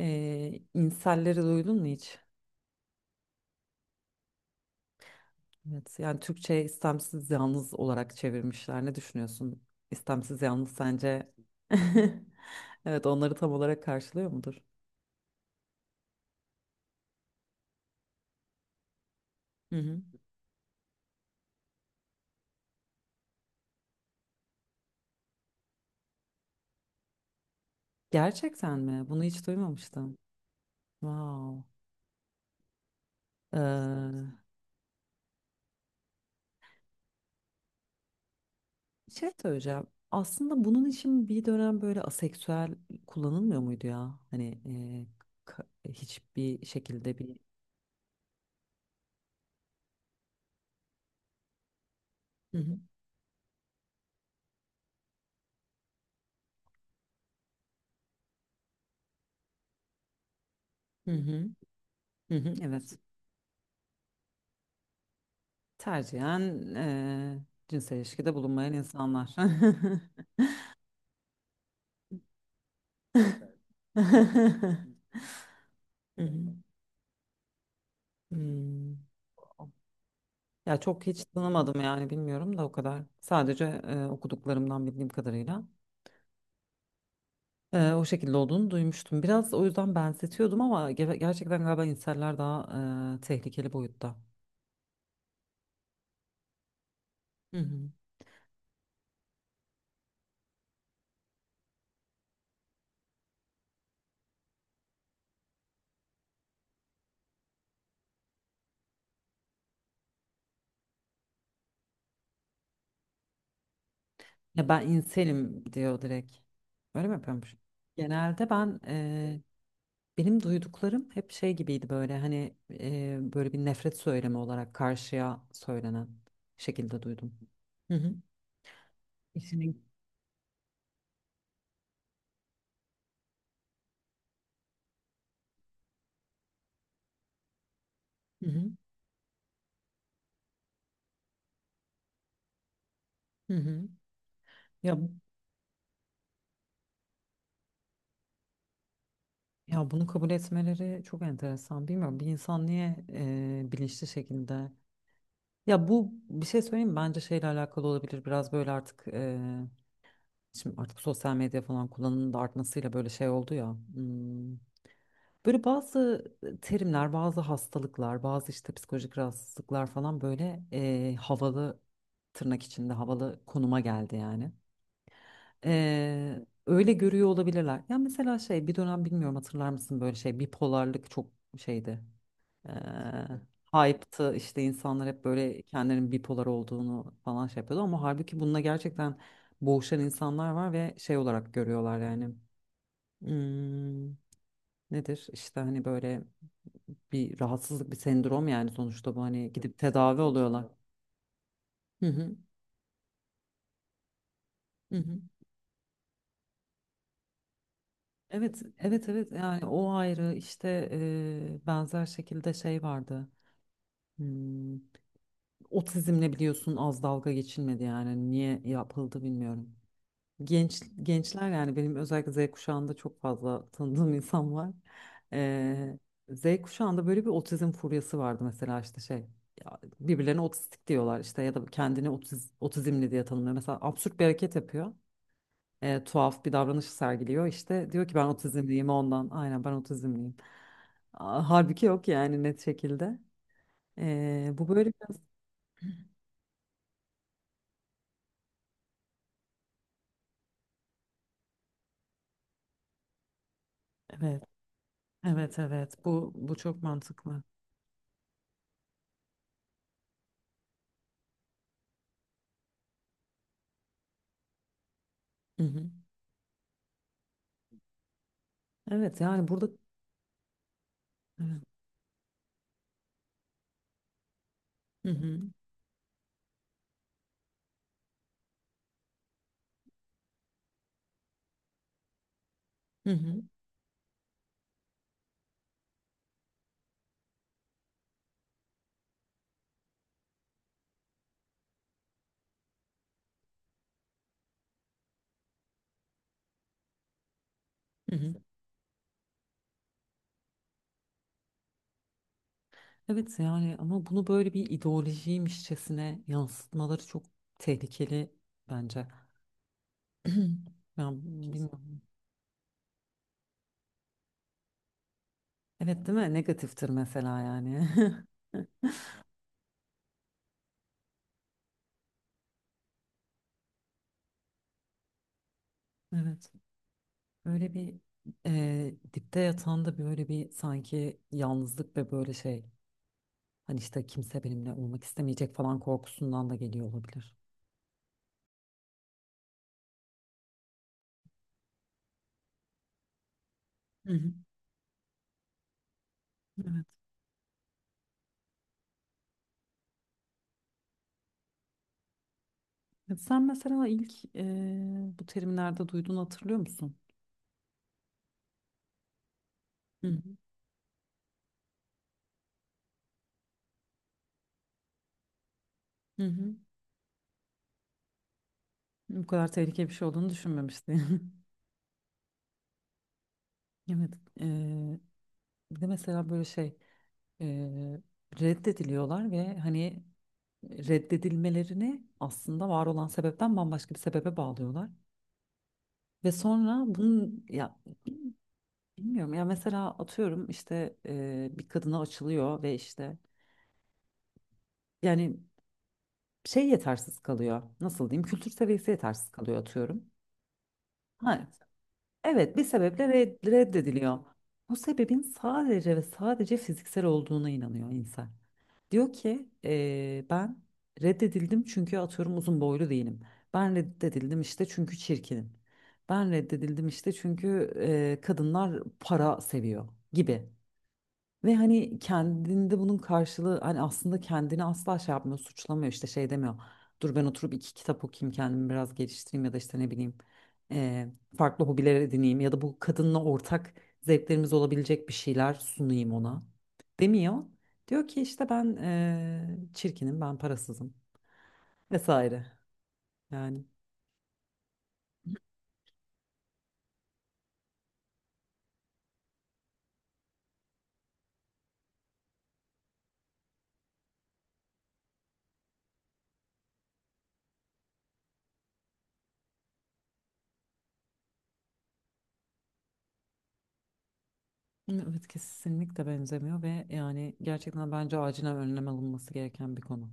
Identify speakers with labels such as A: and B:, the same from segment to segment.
A: İnselleri duydun mu hiç? Evet, yani Türkçe istemsiz yalnız olarak çevirmişler. Ne düşünüyorsun? İstemsiz yalnız sence? Evet, onları tam olarak karşılıyor mudur? Hı hı. Gerçekten mi? Bunu hiç duymamıştım. Wow. Ee, Bir şey söyleyeceğim. Aslında bunun için bir dönem böyle aseksüel kullanılmıyor muydu ya? Hani e, ka- hiçbir şekilde bir. Hı hı. Hı hı. Hı hı. Evet. Tercihen eee, cinsel ilişkide bulunmayan insanlar. Hı hı. Hmm. Ya çok hiç tanımadım, yani bilmiyorum da o kadar. Sadece okuduklarımdan bildiğim kadarıyla o şekilde olduğunu duymuştum. Biraz o yüzden benzetiyordum ama gerçekten galiba inseller daha tehlikeli boyutta. Hı hı. Ya ben inselim diyor direkt. Öyle mi yapıyormuş? Genelde ben Benim duyduklarım hep şey gibiydi, böyle hani böyle bir nefret söylemi olarak karşıya söylenen şekilde duydum. Hı hı. Kesinlikle. Hı hı. Hı hı. Ya ya bunu kabul etmeleri çok enteresan. Bilmiyorum bir insan niye bilinçli şekilde. Ya bu, bir şey söyleyeyim mi? Bence şeyle alakalı olabilir. Biraz böyle artık şimdi artık sosyal medya falan kullanımının da artmasıyla böyle şey oldu ya. Böyle bazı terimler, bazı hastalıklar, bazı işte psikolojik rahatsızlıklar falan böyle havalı, tırnak içinde havalı konuma geldi yani. Öyle görüyor olabilirler. Ya mesela şey, bir dönem bilmiyorum hatırlar mısın, böyle şey bipolarlık çok şeydi. Eee Hype'tı işte, insanlar hep böyle kendilerinin bipolar olduğunu falan şey yapıyordu, ama halbuki bununla gerçekten boğuşan insanlar var ve şey olarak görüyorlar yani. Hmm, nedir işte hani böyle bir rahatsızlık, bir sendrom, yani sonuçta bu hani gidip tedavi oluyorlar. Hı hı, hı hı. Evet, evet, evet. Yani o ayrı işte benzer şekilde şey vardı. Hmm, Otizmle biliyorsun az dalga geçilmedi yani, niye yapıldı bilmiyorum. Gençler yani, benim özellikle Z kuşağında çok fazla tanıdığım insan var. Ee, Z kuşağında böyle bir otizm furyası vardı mesela, işte şey ya birbirlerine otistik diyorlar, işte ya da kendini otizmli diye tanımlıyor. Mesela absürt bir hareket yapıyor. Tuhaf bir davranış sergiliyor işte, diyor ki ben otizmliyim ondan, aynen ben otizmliyim. Aa, halbuki yok yani, net şekilde. Bu böyle biraz. Evet, evet, evet. Bu çok mantıklı. Hı hı. Evet yani burada. Evet. Hı hı. Hı hı, hı hı. Evet yani, ama bunu böyle bir ideolojiymişçesine yansıtmaları çok tehlikeli bence. Ya bilmiyorum. Evet değil mi? Negatiftir mesela yani. Evet. Böyle bir dipte yatan da böyle bir sanki yalnızlık ve böyle şey, hani işte kimse benimle olmak istemeyecek falan korkusundan da geliyor olabilir. Hı hı. Evet. Evet, sen mesela ilk bu terimlerde duyduğunu hatırlıyor musun? Hı hı. Hı hı. Bu kadar tehlikeli bir şey olduğunu düşünmemiştim. Evet. eee, Bir de mesela böyle şey, eee, reddediliyorlar ve hani reddedilmelerini aslında var olan sebepten bambaşka bir sebebe bağlıyorlar. Ve sonra bunun ya bilmiyorum, ya mesela atıyorum işte bir kadına açılıyor ve işte, yani şey yetersiz kalıyor. Nasıl diyeyim? Kültür seviyesi yetersiz kalıyor atıyorum. Ha, evet, bir sebeple reddediliyor. Bu sebebin sadece ve sadece fiziksel olduğuna inanıyor insan. Diyor ki, Ben reddedildim çünkü atıyorum uzun boylu değilim. Ben reddedildim işte çünkü çirkinim. Ben reddedildim işte çünkü kadınlar para seviyor gibi." Ve hani kendinde bunun karşılığı, hani aslında kendini asla şey yapmıyor, suçlamıyor, işte şey demiyor. Dur ben oturup iki kitap okuyayım, kendimi biraz geliştireyim, ya da işte ne bileyim eee, farklı hobiler edineyim, ya da bu kadınla ortak zevklerimiz olabilecek bir şeyler sunayım ona demiyor. Diyor ki işte ben çirkinim, ben parasızım, vesaire yani. Evet kesinlikle benzemiyor, ve yani gerçekten bence acilen önlem alınması gereken bir konu.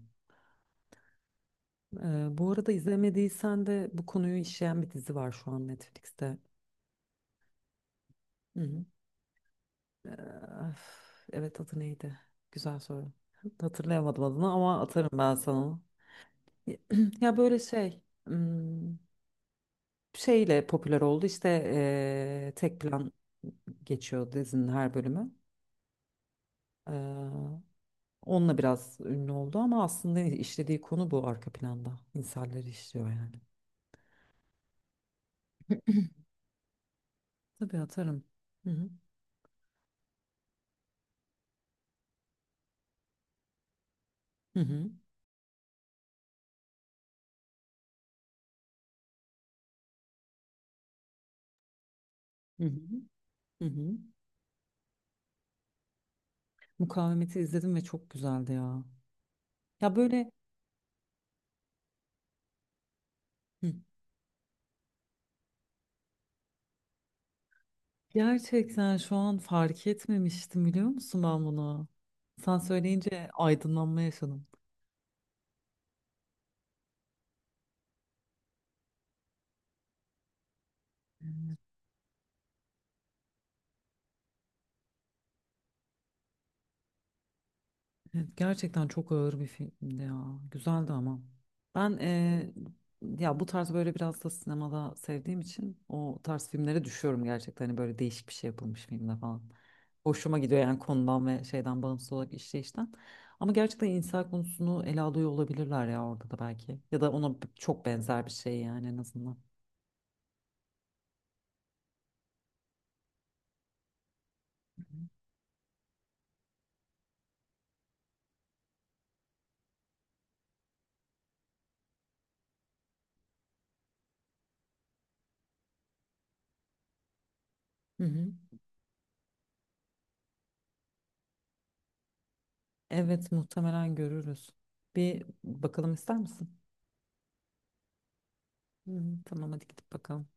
A: Bu arada izlemediysen de, bu konuyu işleyen bir dizi var şu an Netflix'te. Hı hı. Ee, evet, adı neydi? Güzel soru. Hatırlayamadım adını ama atarım ben sana onu. Ya böyle şey, şeyle popüler oldu işte, tek plan geçiyor dizinin her bölümü. Ee, Onunla biraz ünlü oldu, ama aslında işlediği konu bu, arka planda. İnsanları işliyor yani. Tabii atarım. Hı hı. Hı hı. Hı hı. Hı hı. Mukavemeti izledim ve çok güzeldi ya. Ya böyle. Hı. Gerçekten şu an fark etmemiştim, biliyor musun ben bunu? Sen söyleyince aydınlanma yaşadım. Evet, gerçekten çok ağır bir filmdi ya. Güzeldi ama. Ben ya bu tarz böyle biraz da sinemada sevdiğim için o tarz filmlere düşüyorum gerçekten. Hani böyle değişik bir şey yapılmış filmde falan. Hoşuma gidiyor yani, konudan ve şeyden bağımsız olarak işleyişten. Ama gerçekten insan konusunu ele alıyor olabilirler ya orada da belki. Ya da ona çok benzer bir şey yani, en azından. Hı hı. Evet muhtemelen görürüz. Bir bakalım ister misin? Hı hı. Tamam, hadi gidip bakalım.